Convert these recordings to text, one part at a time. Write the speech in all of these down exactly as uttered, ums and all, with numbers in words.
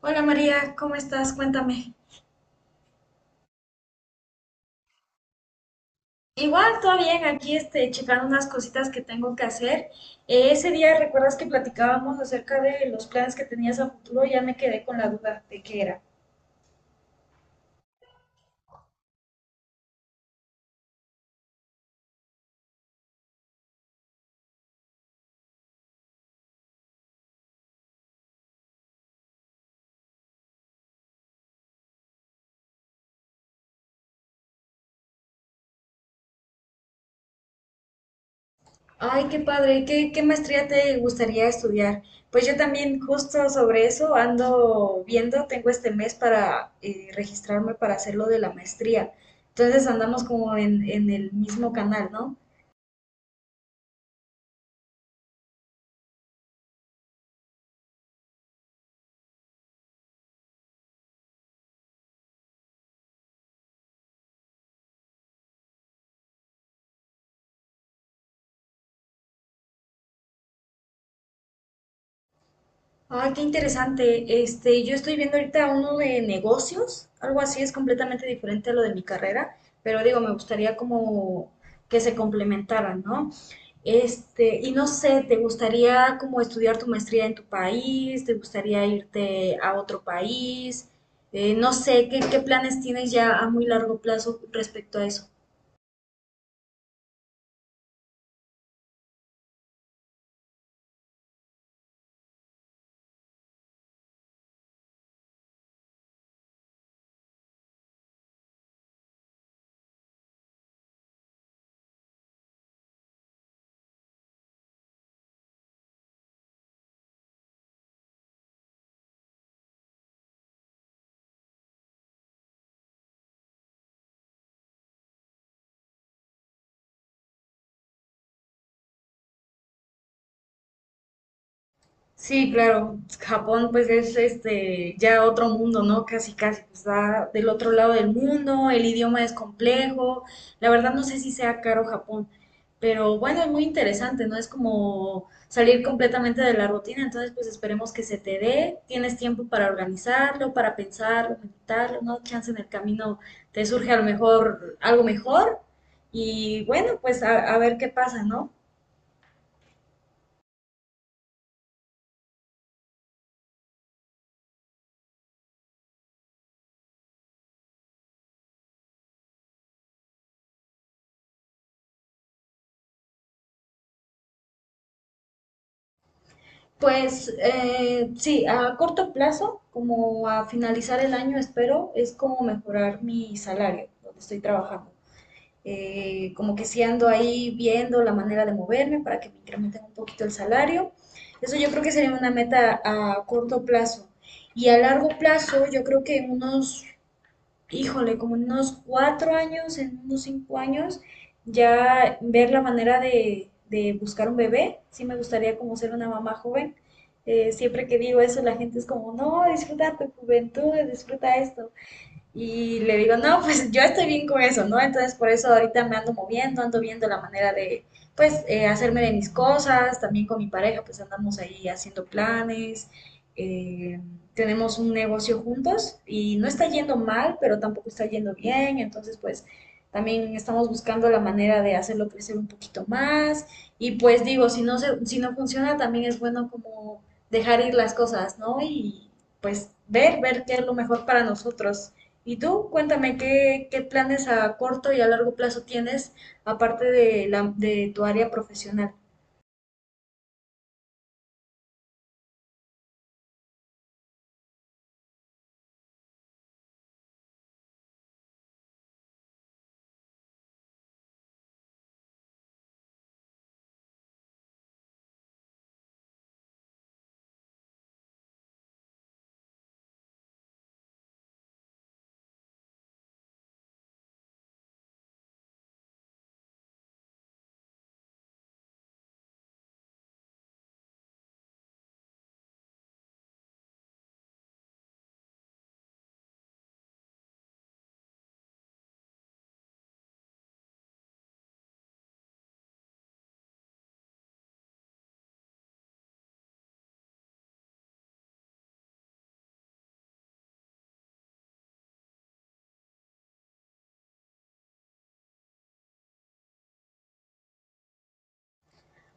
Hola María, ¿cómo estás? Cuéntame. Igual, todo bien, aquí este, checando unas cositas que tengo que hacer. Eh, ese día, ¿recuerdas que platicábamos acerca de los planes que tenías a futuro? Ya me quedé con la duda de qué era. Ay, qué padre, ¿qué, qué maestría te gustaría estudiar? Pues yo también justo sobre eso ando viendo, tengo este mes para eh, registrarme para hacer lo de la maestría. Entonces andamos como en, en el mismo canal, ¿no? Ay, qué interesante. Este, yo estoy viendo ahorita uno de negocios, algo así es completamente diferente a lo de mi carrera, pero digo, me gustaría como que se complementaran, ¿no? Este, y no sé, ¿te gustaría como estudiar tu maestría en tu país? ¿Te gustaría irte a otro país? Eh, no sé, ¿qué, qué planes tienes ya a muy largo plazo respecto a eso? Sí, claro. Japón pues es este ya otro mundo, ¿no? Casi casi pues, está del otro lado del mundo, el idioma es complejo. La verdad no sé si sea caro Japón, pero bueno, es muy interesante, ¿no? Es como salir completamente de la rutina, entonces pues esperemos que se te dé, tienes tiempo para organizarlo, para pensarlo, meditarlo, ¿no? Chance en el camino te surge a lo mejor algo mejor y bueno, pues a, a ver qué pasa, ¿no? Pues eh, sí, a corto plazo, como a finalizar el año, espero, es como mejorar mi salario donde estoy trabajando. Eh, como que si ando ahí viendo la manera de moverme para que me incrementen un poquito el salario. Eso yo creo que sería una meta a corto plazo. Y a largo plazo, yo creo que en unos híjole, como en unos cuatro años, en unos cinco años, ya ver la manera de, de buscar un bebé. Sí me gustaría como ser una mamá joven. Eh, siempre que digo eso, la gente es como, no, disfruta tu juventud, disfruta esto. Y le digo, no, pues yo estoy bien con eso, ¿no? Entonces por eso ahorita me ando moviendo, ando viendo la manera de, pues, eh, hacerme de mis cosas, también con mi pareja, pues andamos ahí haciendo planes, eh, tenemos un negocio juntos y no está yendo mal, pero tampoco está yendo bien, entonces pues también estamos buscando la manera de hacerlo crecer un poquito más y pues digo, si no se, si no funciona, también es bueno como dejar ir las cosas, ¿no? Y pues ver, ver qué es lo mejor para nosotros. Y tú, cuéntame, ¿qué, qué planes a corto y a largo plazo tienes aparte de, la, de tu área profesional?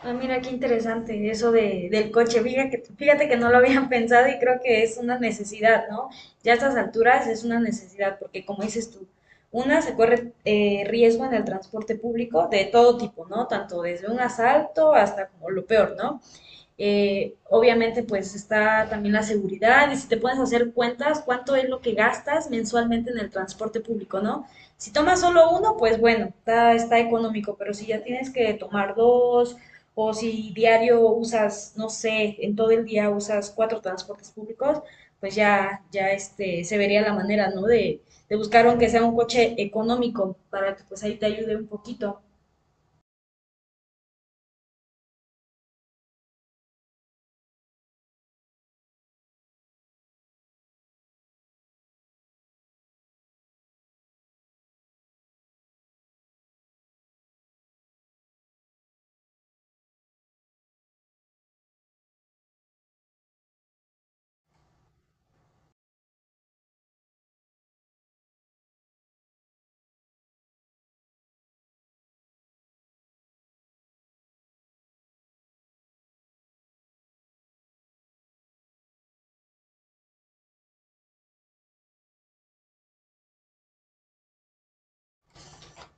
Ah, mira, qué interesante eso de, del coche. Fíjate que, fíjate que no lo habían pensado y creo que es una necesidad, ¿no? Ya a estas alturas es una necesidad porque, como dices tú, una se corre eh, riesgo en el transporte público de todo tipo, ¿no? Tanto desde un asalto hasta como lo peor, ¿no? Eh, obviamente, pues está también la seguridad y si te puedes hacer cuentas, cuánto es lo que gastas mensualmente en el transporte público, ¿no? Si tomas solo uno, pues bueno, está, está económico, pero si ya tienes que tomar dos o si diario usas, no sé, en todo el día usas cuatro transportes públicos, pues ya, ya este, se vería la manera, ¿no? De, de buscar aunque sea un coche económico para que pues ahí te ayude un poquito.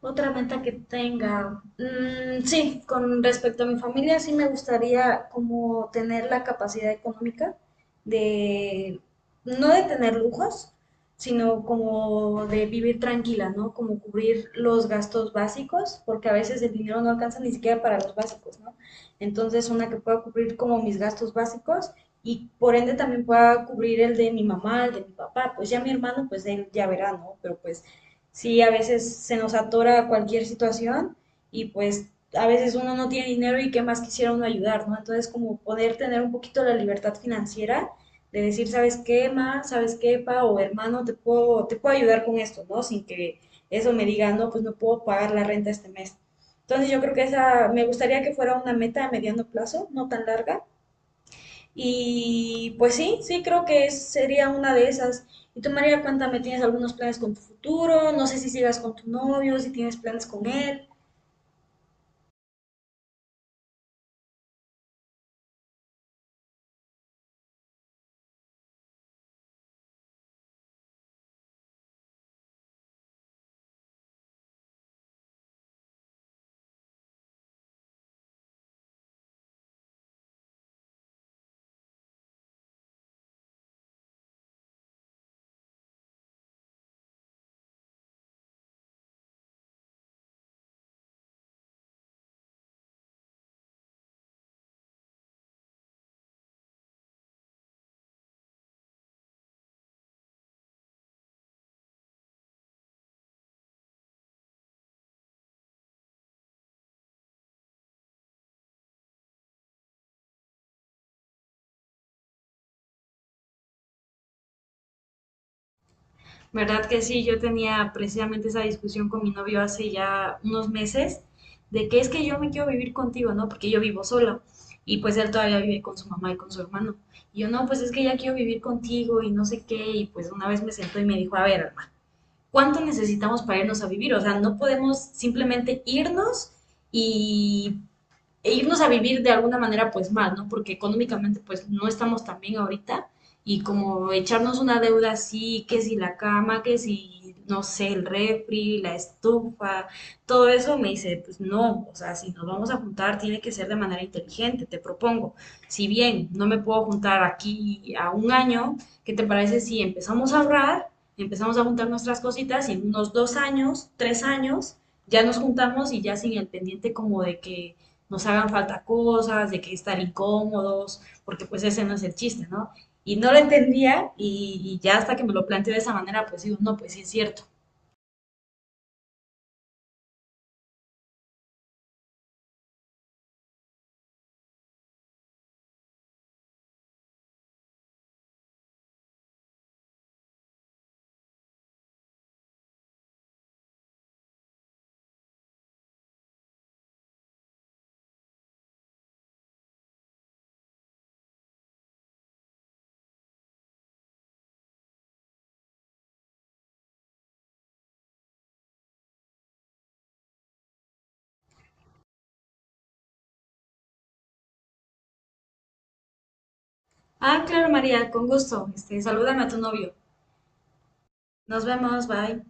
Otra meta que tenga. Mm, sí, con respecto a mi familia, sí me gustaría como tener la capacidad económica de, no de tener lujos, sino como de vivir tranquila, ¿no? Como cubrir los gastos básicos, porque a veces el dinero no alcanza ni siquiera para los básicos, ¿no? Entonces, una que pueda cubrir como mis gastos básicos y por ende también pueda cubrir el de mi mamá, el de mi papá, pues ya mi hermano, pues él ya verá, ¿no? Pero pues sí, a veces se nos atora cualquier situación y pues a veces uno no tiene dinero y qué más quisiera uno ayudar, ¿no? Entonces, como poder tener un poquito la libertad financiera de decir, ¿sabes qué, ma? ¿Sabes qué, pa? O hermano, te puedo, te puedo ayudar con esto, ¿no? Sin que eso me diga, no, pues no puedo pagar la renta este mes. Entonces, yo creo que esa, me gustaría que fuera una meta a mediano plazo, no tan larga, y pues sí, sí, creo que es- sería una de esas. Y tú, María, cuéntame, ¿tienes algunos planes con tu futuro? No sé si sigas con tu novio, si tienes planes con él. ¿Verdad que sí? Yo tenía precisamente esa discusión con mi novio hace ya unos meses de que es que yo me quiero vivir contigo, ¿no? Porque yo vivo sola y pues él todavía vive con su mamá y con su hermano. Y yo no, pues es que ya quiero vivir contigo y no sé qué. Y pues una vez me sentó y me dijo, a ver, cuánto necesitamos para irnos a vivir. O sea, no podemos simplemente irnos y e irnos a vivir de alguna manera pues mal, ¿no? Porque económicamente pues no estamos tan bien ahorita y como echarnos una deuda así, que si la cama, que si, no sé, el refri, la estufa, todo eso me dice, pues no, o sea, si nos vamos a juntar tiene que ser de manera inteligente, te propongo. Si bien no me puedo juntar aquí a un año, ¿qué te parece si empezamos a ahorrar, empezamos a juntar nuestras cositas y en unos dos años, tres años, ya nos juntamos y ya sin el pendiente como de que nos hagan falta cosas, de que estar incómodos, porque pues ese no es el chiste, ¿no? Y no lo entendía y, y ya hasta que me lo planteé de esa manera, pues digo, no, pues sí es cierto. Ah, claro, María, con gusto. Este, salúdame a tu novio. Nos vemos, bye.